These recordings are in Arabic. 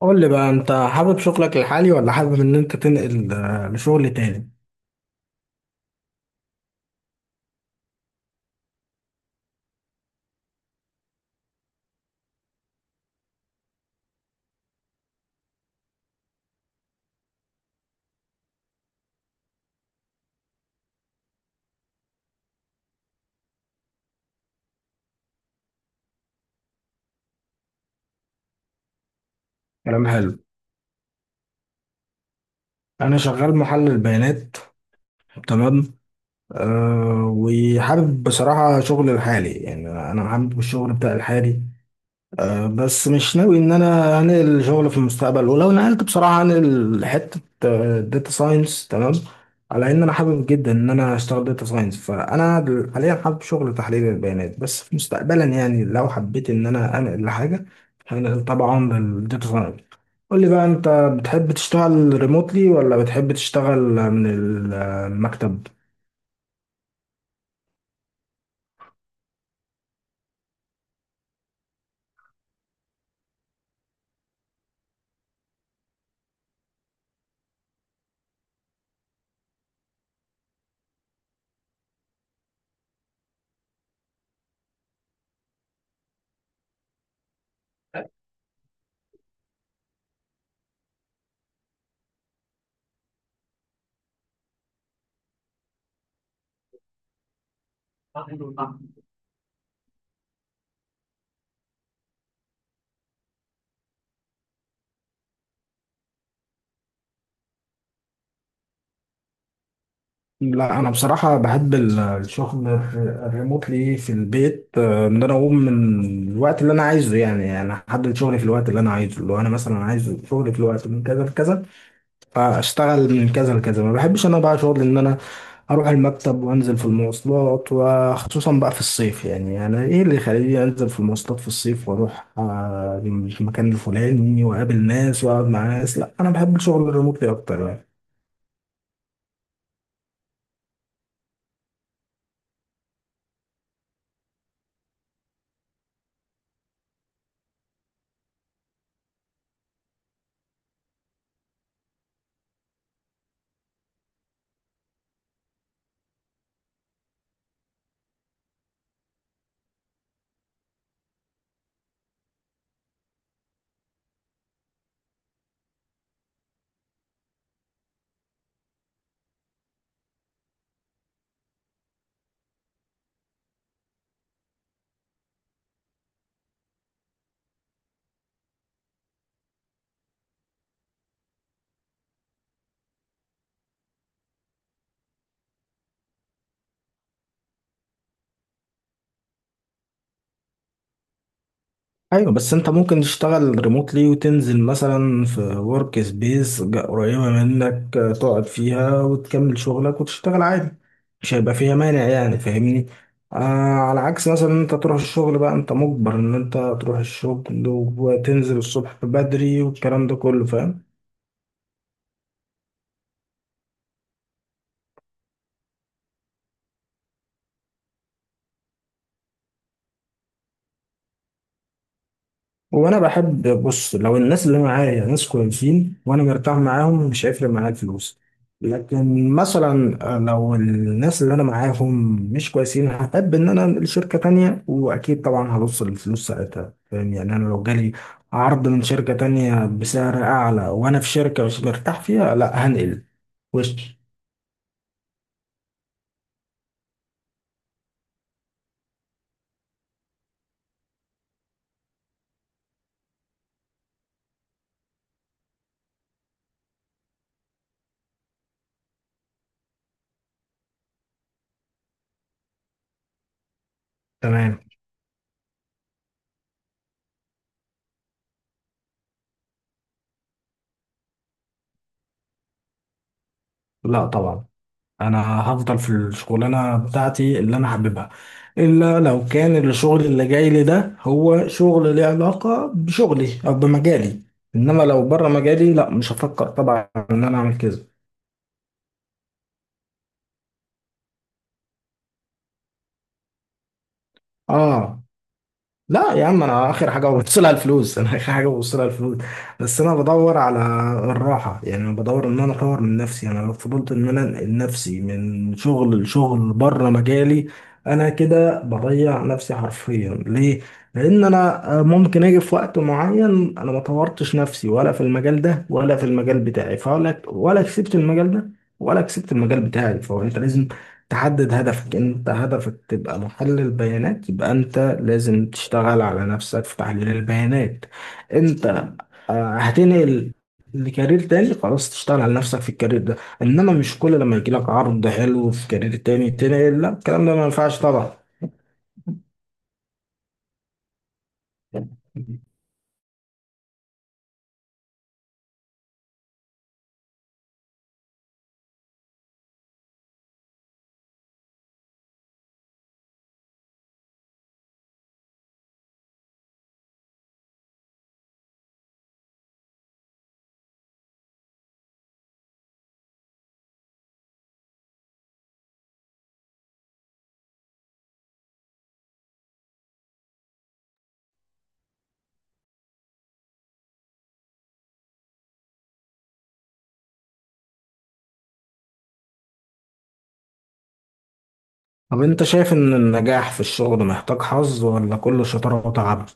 قول لي بقى انت حابب شغلك الحالي ولا حابب ان انت تنقل لشغل تاني. كلام حلو. انا شغال محلل بيانات، تمام. وحابب بصراحة شغل الحالي، يعني انا حابب الشغل بتاع الحالي. بس مش ناوي ان انا انقل الشغل في المستقبل، ولو نقلت بصراحه انقل حته داتا ساينس، تمام. على ان انا حابب جدا ان انا اشتغل داتا ساينس، فانا حاليا حابب شغل تحليل البيانات، بس في مستقبلا يعني لو حبيت ان انا انقل لحاجه هنقل طبعا للداتا ساينس. قول لي بقى انت بتحب تشتغل ريموتلي ولا بتحب تشتغل من المكتب. لا انا بصراحه بحب الشغل الريموتلي في البيت، ان انا اقوم من الوقت اللي انا عايزه، يعني انا احدد شغلي في الوقت اللي انا عايزه. لو انا مثلا عايز شغلي في الوقت من كذا لكذا فاشتغل من كذا لكذا. ما بحبش انا بقى شغل ان انا اروح المكتب وانزل في المواصلات، وخصوصا بقى في الصيف. يعني انا ايه اللي يخليني انزل في المواصلات في الصيف واروح المكان الفلاني واقابل ناس واقعد مع ناس؟ لا انا بحب الشغل الريموتلي اكتر يعني. ايوه بس انت ممكن تشتغل ريموتلي وتنزل مثلا في ورك سبيس قريبه منك، تقعد فيها وتكمل شغلك وتشتغل عادي. مش هيبقى فيها مانع يعني، فاهمني. آه. على عكس مثلا انت تروح الشغل، بقى انت مجبر ان انت تروح الشغل وتنزل الصبح بدري والكلام ده كله، فاهم. وانا بحب، بص، لو الناس اللي معايا ناس كويسين وانا مرتاح معاهم مش هيفرق معايا الفلوس. لكن مثلا لو الناس اللي انا معاهم مش كويسين هحب ان انا انقل شركة تانية، واكيد طبعا هبص للفلوس ساعتها، فاهم يعني. انا لو جالي عرض من شركة تانية بسعر اعلى وانا في شركة مش مرتاح فيها، لا هنقل. وش. تمام. لا طبعا، انا هفضل في الشغلانه بتاعتي اللي انا حاببها، الا لو كان الشغل اللي جاي لي ده هو شغل ليه علاقه بشغلي او بمجالي. انما لو بره مجالي لا مش هفكر طبعا ان انا اعمل كده. اه. لا يا عم، انا اخر حاجه ببص لها الفلوس. انا اخر حاجه ببص لها الفلوس. بس انا بدور على الراحه. يعني انا بدور ان انا اطور من نفسي. يعني انا لو فضلت ان انا انقل نفسي من شغل لشغل بره مجالي، انا كده بضيع نفسي حرفيا. ليه؟ لان انا ممكن اجي في وقت معين انا ما طورتش نفسي ولا في المجال ده ولا في المجال بتاعي، فولا ولا كسبت المجال ده ولا كسبت المجال بتاعي. فهو انت لازم تحدد هدفك. انت هدفك تبقى محلل بيانات، يبقى انت لازم تشتغل على نفسك في تحليل البيانات. انت هتنقل لكارير تاني، خلاص تشتغل على نفسك في الكارير ده. انما مش كل لما يجي لك عرض حلو في كارير تاني تنقل، لا الكلام ده ما ينفعش طبعا. طب انت شايف ان النجاح في الشغل محتاج حظ ولا كله شطارة وتعب؟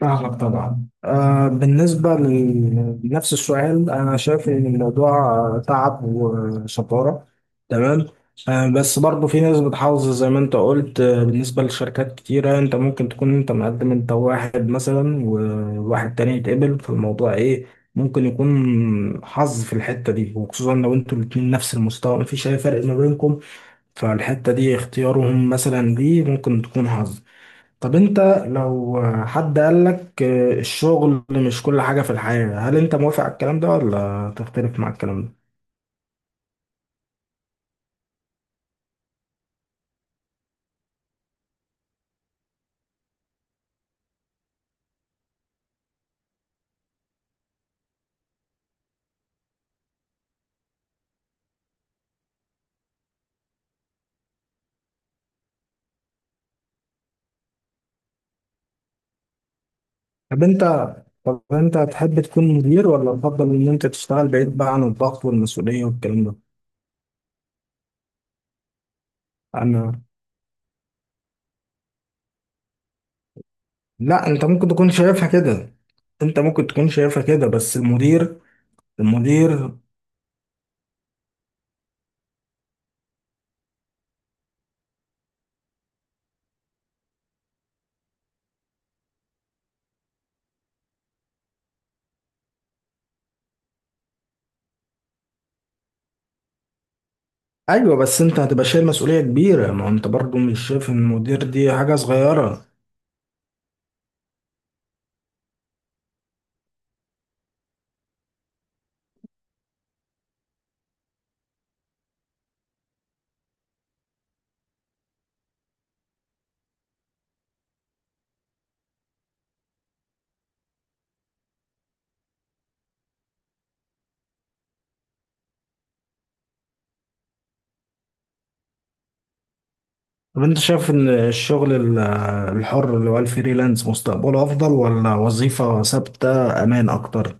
فاهمك طبعا. آه بالنسبة لنفس السؤال، أنا شايف إن الموضوع تعب وشطارة، تمام. آه بس برضه في ناس بتحافظ زي ما أنت قلت. آه بالنسبة لشركات كتيرة، أنت ممكن تكون أنت مقدم، أنت واحد مثلا وواحد تاني يتقبل في الموضوع، إيه، ممكن يكون حظ في الحتة دي، وخصوصا لو أنتوا الاتنين نفس المستوى مفيش أي فرق ما بينكم. فالحتة دي اختيارهم مثلا دي ممكن تكون حظ. طب انت لو حد قالك الشغل مش كل حاجة في الحياة، هل انت موافق على الكلام ده ولا تختلف مع الكلام ده؟ طب انت، طب انت تحب تكون مدير ولا تفضل ان انت تشتغل بعيد بقى عن الضغط والمسؤولية والكلام ده؟ انا. لا انت ممكن تكون شايفها كده. انت ممكن تكون شايفها كده، بس المدير. ايوه بس انت هتبقى شايل مسؤولية كبيرة. ما انت برضو مش شايف ان المدير دي حاجة صغيرة. طب انت شايف ان الشغل الحر اللي هو الفريلانس مستقبله افضل ولا وظيفة ثابتة امان اكتر؟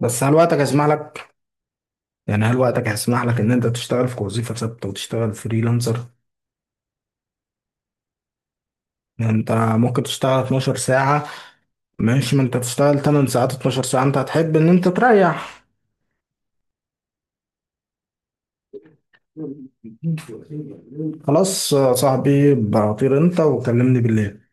بس هل وقتك هيسمح لك؟ يعني هل وقتك هيسمح لك ان انت تشتغل في وظيفة ثابتة وتشتغل فريلانسر؟ يعني انت ممكن تشتغل 12 ساعة. ماشي، ما انت تشتغل 8 ساعات، 12 ساعة انت هتحب ان انت تريح. خلاص يا صاحبي، بطير انت، وكلمني بالليل.